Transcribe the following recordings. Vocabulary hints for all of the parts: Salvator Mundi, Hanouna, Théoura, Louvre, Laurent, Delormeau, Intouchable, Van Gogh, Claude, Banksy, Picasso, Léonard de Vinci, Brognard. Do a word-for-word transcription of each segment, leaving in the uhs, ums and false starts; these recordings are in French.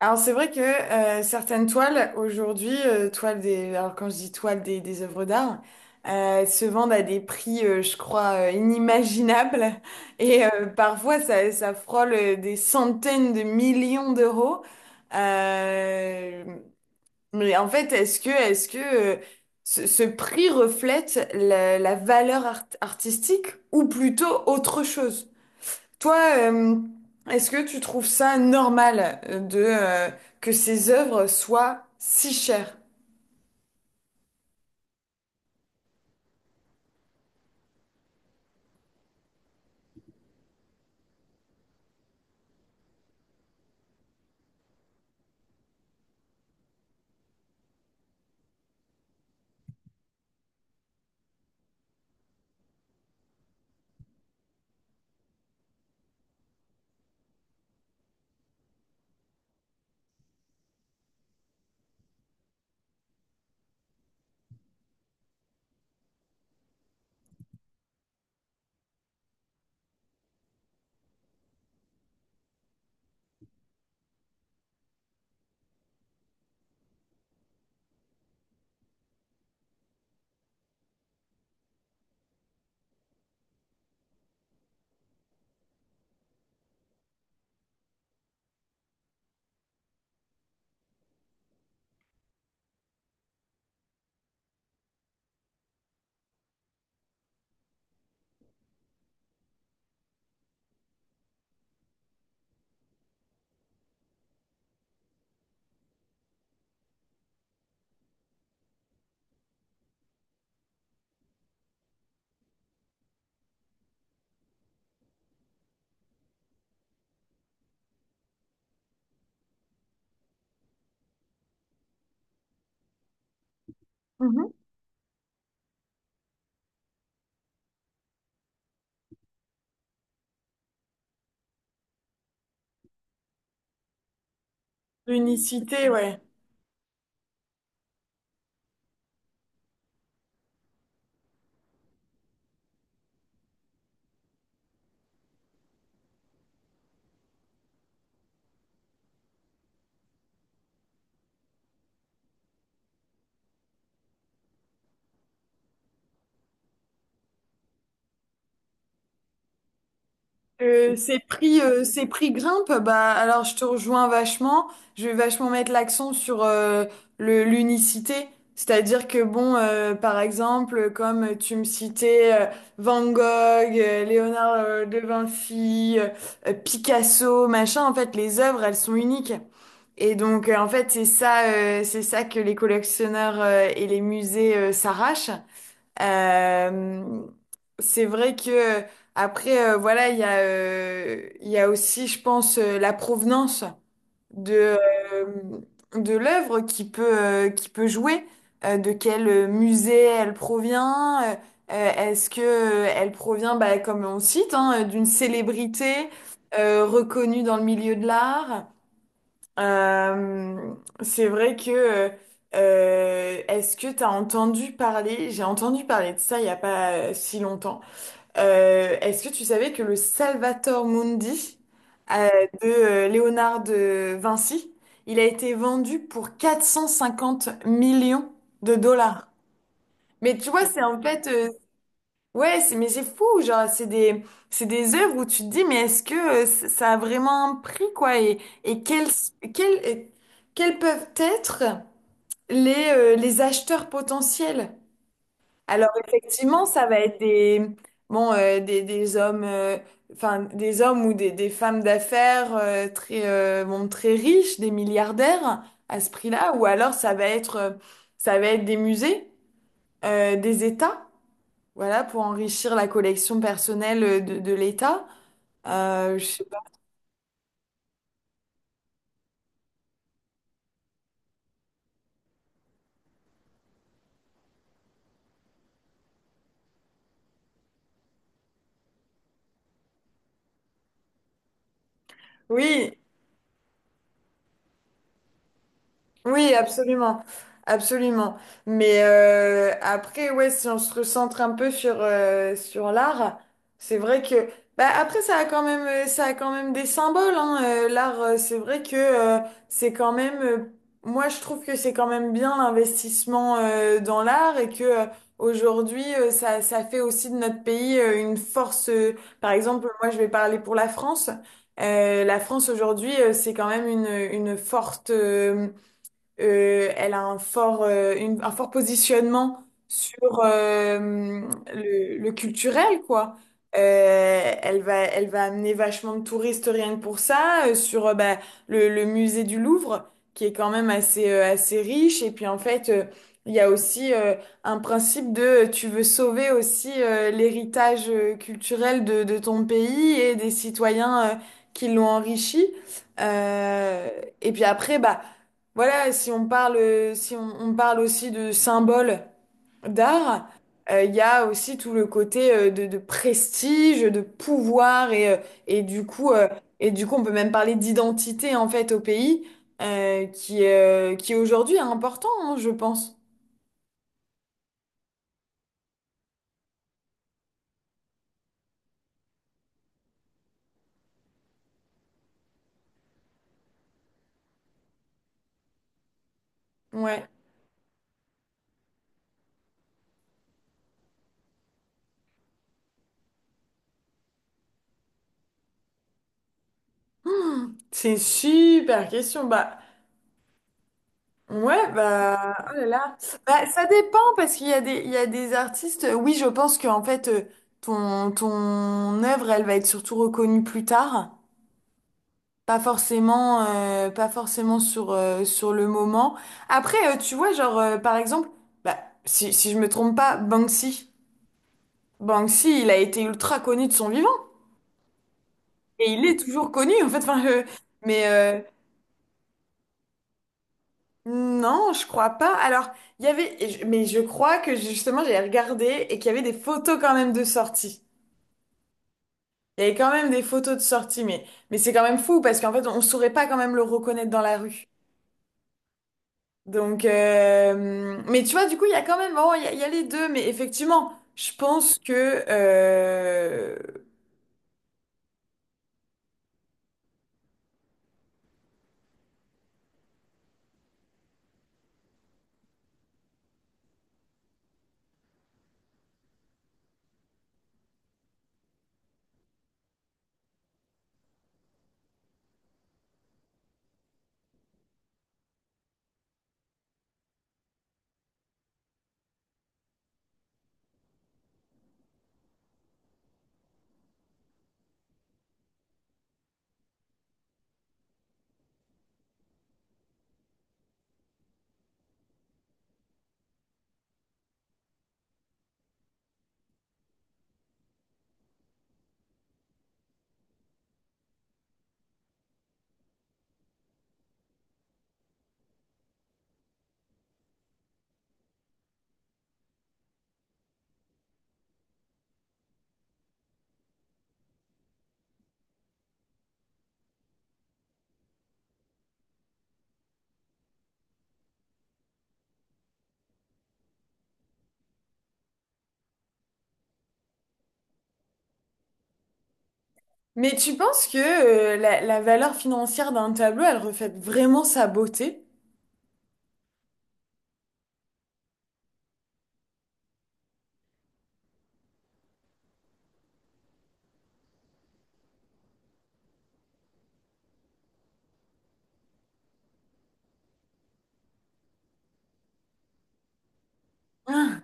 Alors c'est vrai que euh, certaines toiles aujourd'hui, euh, toiles des, alors quand je dis toiles des, des œuvres d'art, euh, se vendent à des prix, euh, je crois, euh, inimaginables. Et euh, parfois ça, ça frôle euh, des centaines de millions d'euros. Euh, mais en fait, est-ce que, est-ce que euh, ce, ce prix reflète la, la valeur art- artistique ou plutôt autre chose? Toi, euh, est-ce que tu trouves ça normal euh, de euh, que ces œuvres soient si chères? Mhm. L'unicité, ouais. Euh, ces prix, euh, ces prix grimpent, bah alors je te rejoins vachement. Je vais vachement mettre l'accent sur euh, le l'unicité, c'est-à-dire que bon, euh, par exemple, comme tu me citais euh, Van Gogh, euh, Léonard euh, de Vinci, euh, Picasso, machin, en fait, les œuvres, elles sont uniques. Et donc, euh, en fait, c'est ça, euh, c'est ça que les collectionneurs euh, et les musées euh, s'arrachent. Euh, c'est vrai que après, euh, voilà, il y a, euh, il y a aussi, je pense, euh, la provenance de euh, de l'œuvre qui peut euh, qui peut jouer. Euh, de quel euh, musée elle provient? Euh, euh, est-ce que euh, elle provient, bah, comme on cite, hein, d'une célébrité euh, reconnue dans le milieu de l'art? Euh, c'est vrai que euh, euh, est-ce que t'as entendu parler, j'ai entendu parler de ça il y a pas euh, si longtemps. Euh, est-ce que tu savais que le Salvator Mundi euh, de euh, Léonard de Vinci, il a été vendu pour quatre cent cinquante millions de dollars. Mais tu vois, c'est en fait, euh, ouais, c'est, mais c'est fou, genre, c'est des, c'est des œuvres où tu te dis, mais est-ce que euh, c- ça a vraiment un prix, quoi, et, et quels, quels, euh, quels peuvent être les, euh, les acheteurs potentiels? Alors, effectivement, ça va être des, bon, euh, des, des hommes, euh, enfin, des hommes ou des, des femmes d'affaires euh, très, euh, bon, très riches, des milliardaires à ce prix-là, ou alors ça va être, euh, ça va être des musées, euh, des États. Voilà, pour enrichir la collection personnelle de, de l'État. Euh, je sais pas. Oui, oui, absolument, absolument. Mais euh, après, ouais, si on se recentre un peu sur euh, sur l'art, c'est vrai que bah après ça a quand même euh, ça a quand même des symboles, hein. Euh, l'art, euh, c'est vrai que euh, c'est quand même euh, moi je trouve que c'est quand même bien l'investissement euh, dans l'art et que euh, aujourd'hui euh, ça ça fait aussi de notre pays euh, une force. Euh, par exemple, moi je vais parler pour la France. Euh, la France aujourd'hui, euh, c'est quand même une une forte euh, euh, elle a un fort, euh, une- un fort positionnement sur euh, le, le culturel, quoi. Euh, elle va, elle va amener vachement de touristes rien que pour ça, euh, sur euh, bah, le, le musée du Louvre, qui est quand même assez, euh, assez riche. Et puis en fait, euh, il y a aussi euh, un principe de euh, tu veux sauver aussi euh, l'héritage euh, culturel de, de ton pays et des citoyens euh, qui l'ont enrichi. Euh, et puis après, bah, voilà, si on parle, euh, si on, on parle aussi de symboles d'art, euh, il y a aussi tout le côté euh, de, de prestige, de pouvoir et, euh, et du coup, euh, et du coup, on peut même parler d'identité en fait au pays, euh, qui, euh, qui aujourd'hui est important, hein, je pense. Ouais. Hmm, c'est une super question. Bah, ouais, bah, oh là là. Bah, ça dépend parce qu'il y a des, il y a des artistes. euh, Oui, je pense qu'en fait, euh, ton, ton œuvre, elle va être surtout reconnue plus tard. Pas forcément, euh, pas forcément sur, euh, sur le moment. Après, euh, tu vois, genre, euh, par exemple, bah, si, si je me trompe pas, Banksy. Banksy, il a été ultra connu de son vivant. Et il est toujours connu, en fait. Enfin, euh, mais, euh, non, je crois pas. Alors, il y avait, et je- mais je crois que justement, j'avais regardé et qu'il y avait des photos quand même de sortie. Il y avait quand même des photos de sortie, mais, mais c'est quand même fou parce qu'en fait, on saurait pas quand même le reconnaître dans la rue. Donc, euh, mais tu vois, du coup, il y a quand même, bon, il y a, il y a les deux, mais effectivement, je pense que, euh, mais tu penses que euh, la, la valeur financière d'un tableau, elle reflète vraiment sa beauté? Ah,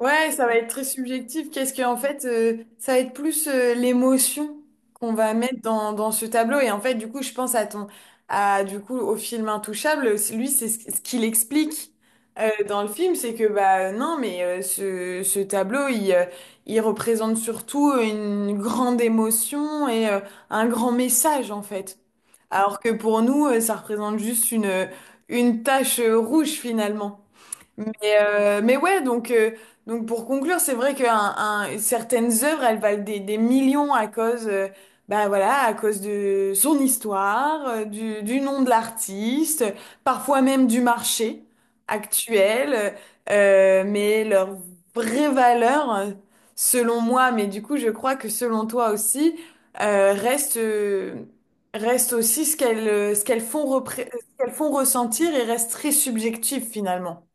ouais, ça va être très subjectif. Qu'est-ce que, en fait, euh, ça va être plus euh, l'émotion qu'on va mettre dans, dans ce tableau. Et en fait, du coup, je pense à ton, à, du coup, au film Intouchable. C'est- lui, c'est ce ce qu'il explique euh, dans le film, c'est que, bah, non, mais euh, ce, ce tableau, il, euh, il représente surtout une grande émotion et euh, un grand message, en fait. Alors que pour nous, euh, ça représente juste une, une tache euh, rouge, finalement. Mais, euh, mais ouais, donc, euh, donc pour conclure, c'est vrai que un, un- certaines œuvres, elles valent des, des millions à cause, euh, bah voilà, à cause de son histoire, euh, du, du nom de l'artiste, parfois même du marché actuel. Euh, mais leur vraie valeur, euh, selon moi, mais du coup, je crois que selon toi aussi, euh, reste, euh, reste aussi ce qu'elles, euh, ce qu'elles font repré- ce qu'elles font ressentir et reste très subjectif finalement.